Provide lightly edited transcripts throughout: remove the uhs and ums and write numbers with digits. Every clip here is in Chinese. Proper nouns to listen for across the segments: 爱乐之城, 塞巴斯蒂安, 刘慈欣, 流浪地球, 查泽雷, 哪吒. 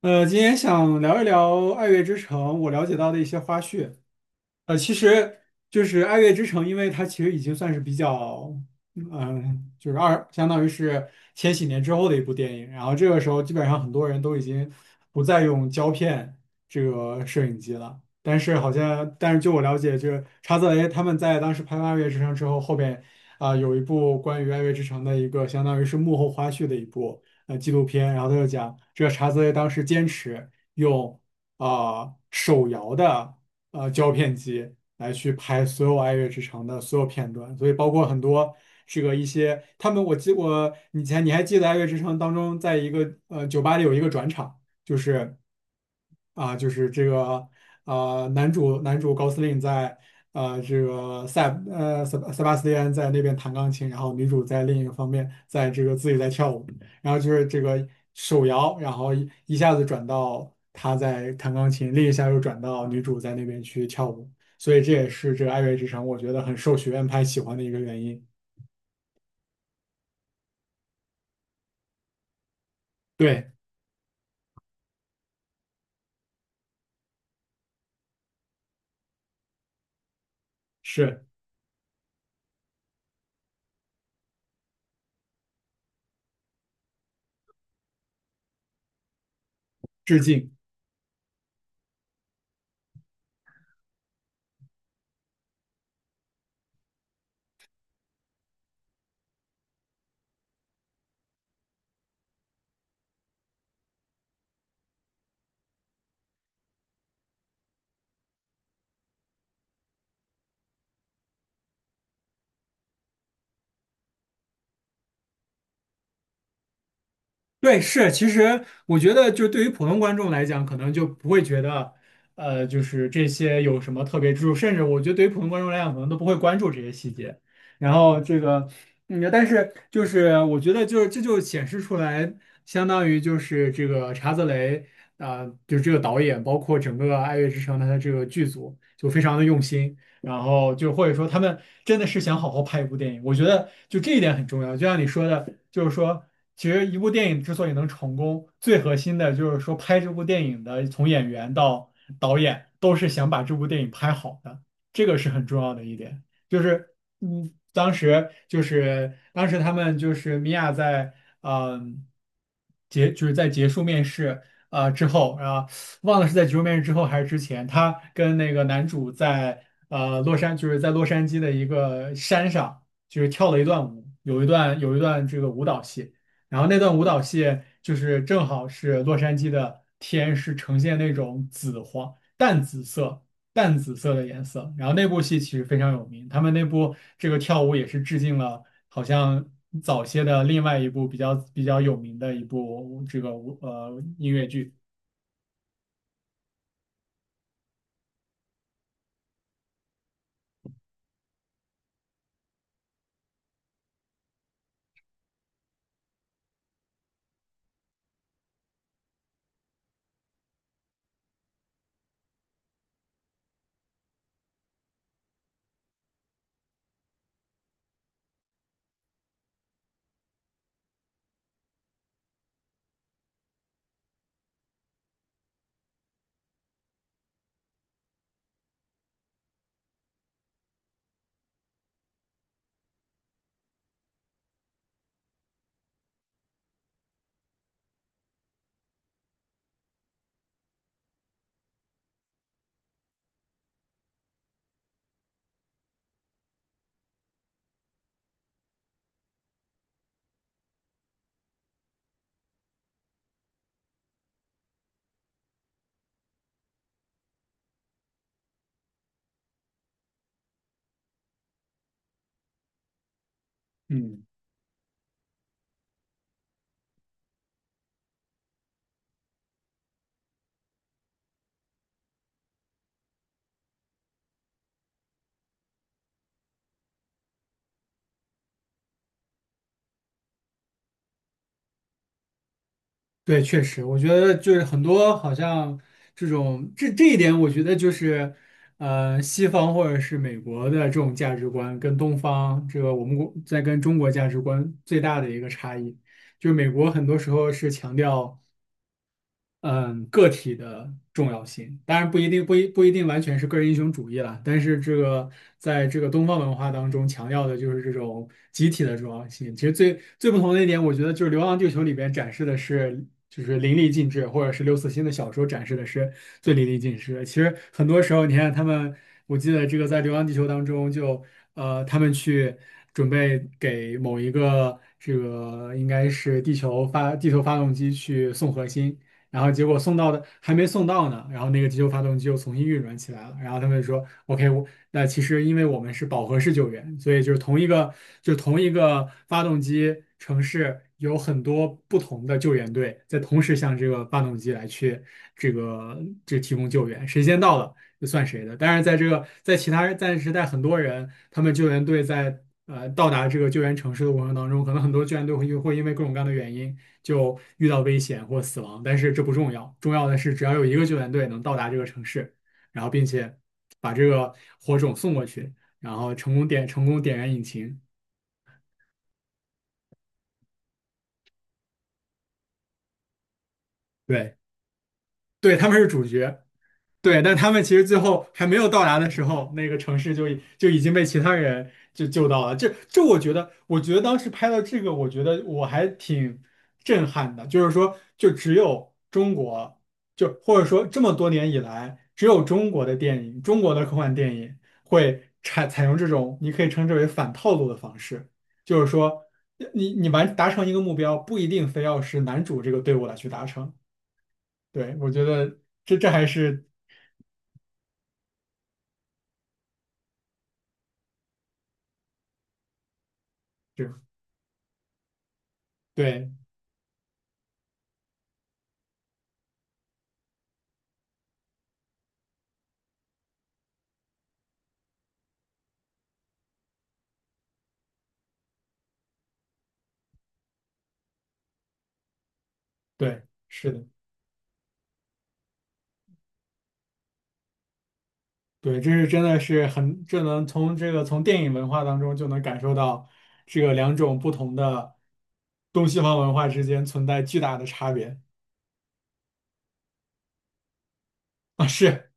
今天想聊一聊《爱乐之城》我了解到的一些花絮。其实就是《爱乐之城》，因为它其实已经算是比较，就是相当于是千禧年之后的一部电影。然后这个时候，基本上很多人都已经不再用胶片这个摄影机了。但是据我了解，就是查泽雷他们在当时拍完《爱乐之城》之后，后边有一部关于《爱乐之城》的一个相当于是幕后花絮的一部纪录片。然后他就讲，这个查泽雷当时坚持用手摇的。胶片机来去拍所有《爱乐之城》的所有片段，所以包括很多这个一些他们，我以前你还记得《爱乐之城》当中，在一个酒吧里有一个转场，就是。就是这个男主高司令在这个塞巴斯蒂安在那边弹钢琴，然后女主在另一个方面在这个自己在跳舞，然后就是这个手摇，然后一下子转到他在弹钢琴，另一下又转到女主在那边去跳舞，所以这也是这个《爱乐之城》我觉得很受学院派喜欢的一个原因。对，是致敬。对，是，其实我觉得，就对于普通观众来讲，可能就不会觉得，就是这些有什么特别之处，甚至我觉得对于普通观众来讲，可能都不会关注这些细节。然后这个，但是就是我觉得就，是这就显示出来，相当于就是这个查泽雷，就这个导演，包括整个《爱乐之城》他的这个剧组，就非常的用心。然后就或者说他们真的是想好好拍一部电影，我觉得就这一点很重要。就像你说的，就是说，其实一部电影之所以能成功，最核心的就是说拍这部电影的从演员到导演都是想把这部电影拍好的，这个是很重要的一点。就是当时就是当时他们就是米娅在嗯就是在结束面试之后啊。忘了是在《结束面试》之后还是之前，他跟那个男主在洛杉就是在洛杉矶的一个山上，就是跳了一段舞，有一段这个舞蹈戏，然后那段舞蹈戏就是正好是洛杉矶的天是呈现那种淡紫色的颜色，然后那部戏其实非常有名，他们那部这个跳舞也是致敬了好像早些的另外一部比较有名的一部这个音乐剧，嗯。对，确实，我觉得就是很多好像这种这一点，我觉得就是，西方或者是美国的这种价值观跟东方这个我们国在跟中国价值观最大的一个差异。就是美国很多时候是强调。嗯，个体的重要性，当然不一定完全是个人英雄主义啦。但是这个在这个东方文化当中强调的就是这种集体的重要性。其实最最不同的一点，我觉得就是《流浪地球》里边展示的是就是淋漓尽致，或者是刘慈欣的小说展示的是最淋漓尽致的。其实很多时候，你看他们。我记得这个在《流浪地球》当中就，他们去准备给某一个这个应该是地球发动机去送核心，然后结果送到的还没送到呢，然后那个地球发动机又重新运转起来了，然后他们就说，OK，我那其实因为我们是饱和式救援，所以就是同一个发动机城市有很多不同的救援队在同时向这个发动机来去这个这提供救援，谁先到了。这算谁的？当然，在这个在其他在时代，很多人他们救援队在到达这个救援城市的过程当中，可能很多救援队会因为各种各样的原因就遇到危险或死亡，但是这不重要，重要的是只要有一个救援队能到达这个城市，然后并且把这个火种送过去，然后成功点燃引擎，对对，他们是主角。对，但他们其实最后还没有到达的时候，那个城市就已经被其他人就救到了。我觉得当时拍到这个，我觉得我还挺震撼的。就是说，就只有中国，就或者说这么多年以来，只有中国的电影，中国的科幻电影会采用这种你可以称之为反套路的方式，就是说，你达成一个目标，不一定非要是男主这个队伍来去达成。对，我觉得这还是。对对，是的，对，这是真的是很，这能从这个从电影文化当中就能感受到，这个两种不同的东西方文化之间存在巨大的差别啊，是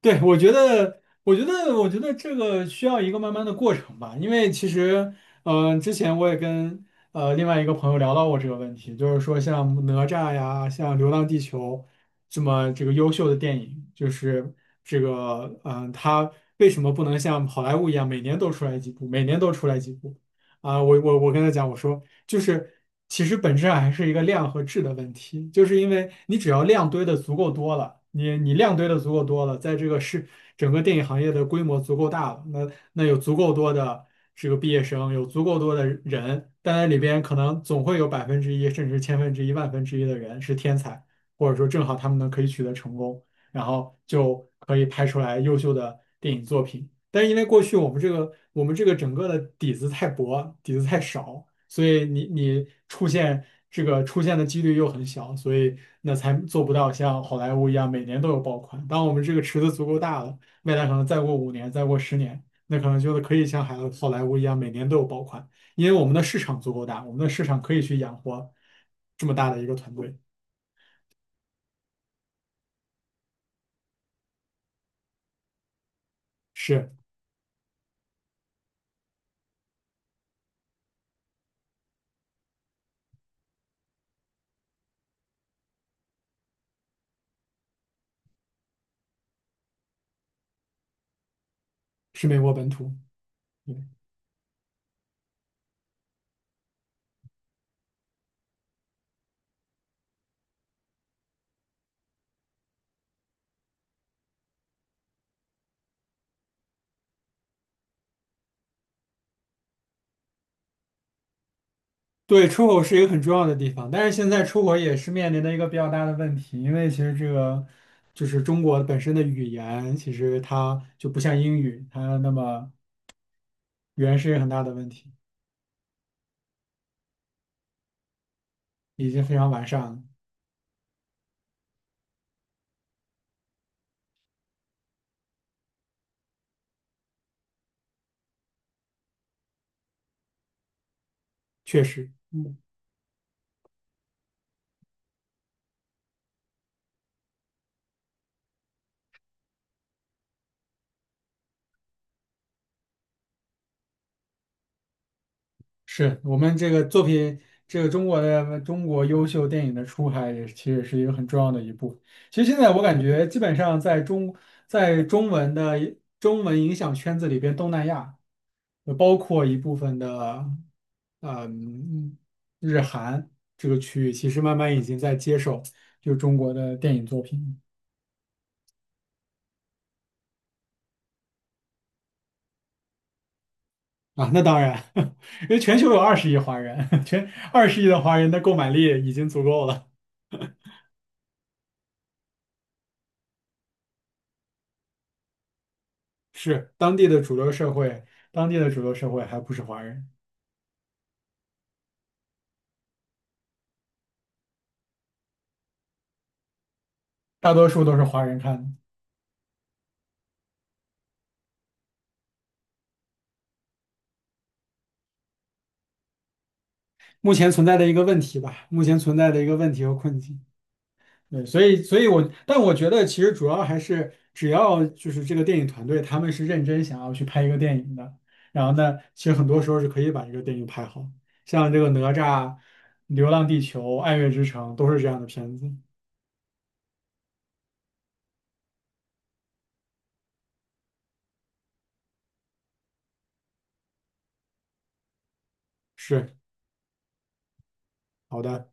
对，我觉得这个需要一个慢慢的过程吧，因为其实，之前我也跟另外一个朋友聊到过这个问题，就是说像哪吒呀，像《流浪地球》这么优秀的电影，就是这个，它为什么不能像好莱坞一样每年都出来几部，每年都出来几部？我跟他讲，我说就是其实本质上还是一个量和质的问题，就是因为你只要量堆的足够多了，你量堆的足够多了，在这个是整个电影行业的规模足够大了，那有足够多的这个毕业生，有足够多的人，但在里边可能总会有1%，甚至千分之一、万分之一的人是天才，或者说正好他们能可以取得成功，然后就可以拍出来优秀的电影作品。但是因为过去我们这个整个的底子太薄，底子太少，所以你出现出现的几率又很小，所以那才做不到像好莱坞一样每年都有爆款。当我们这个池子足够大了，未来可能再过5年，再过10年，那可能就是可以像好莱坞一样每年都有爆款，因为我们的市场足够大，我们的市场可以去养活这么大的一个团队，是是美国本土。对对，出口是一个很重要的地方，但是现在出口也是面临的一个比较大的问题，因为其实这个就是中国本身的语言，其实它就不像英语，它那么语言是一个很大的问题，已经非常完善了，确实，是我们这个作品，这个中国优秀电影的出海也其实是一个很重要的一步。其实现在我感觉基本上在中文影响圈子里边，东南亚。包括一部分的，嗯，日韩这个区域，其实慢慢已经在接受就中国的电影作品啊。那当然，因为全球有20亿华人，全二十亿的华人的购买力已经足够了。是当地的主流社会，当地的主流社会还不是华人，大多数都是华人看的。目前存在的一个问题吧，目前存在的一个问题和困境。对，所以我，但我觉得其实主要还是，只要就是这个电影团队他们是认真想要去拍一个电影的，然后呢，其实很多时候是可以把这个电影拍好，像这个哪吒、流浪地球、爱乐之城都是这样的片子。是，好的。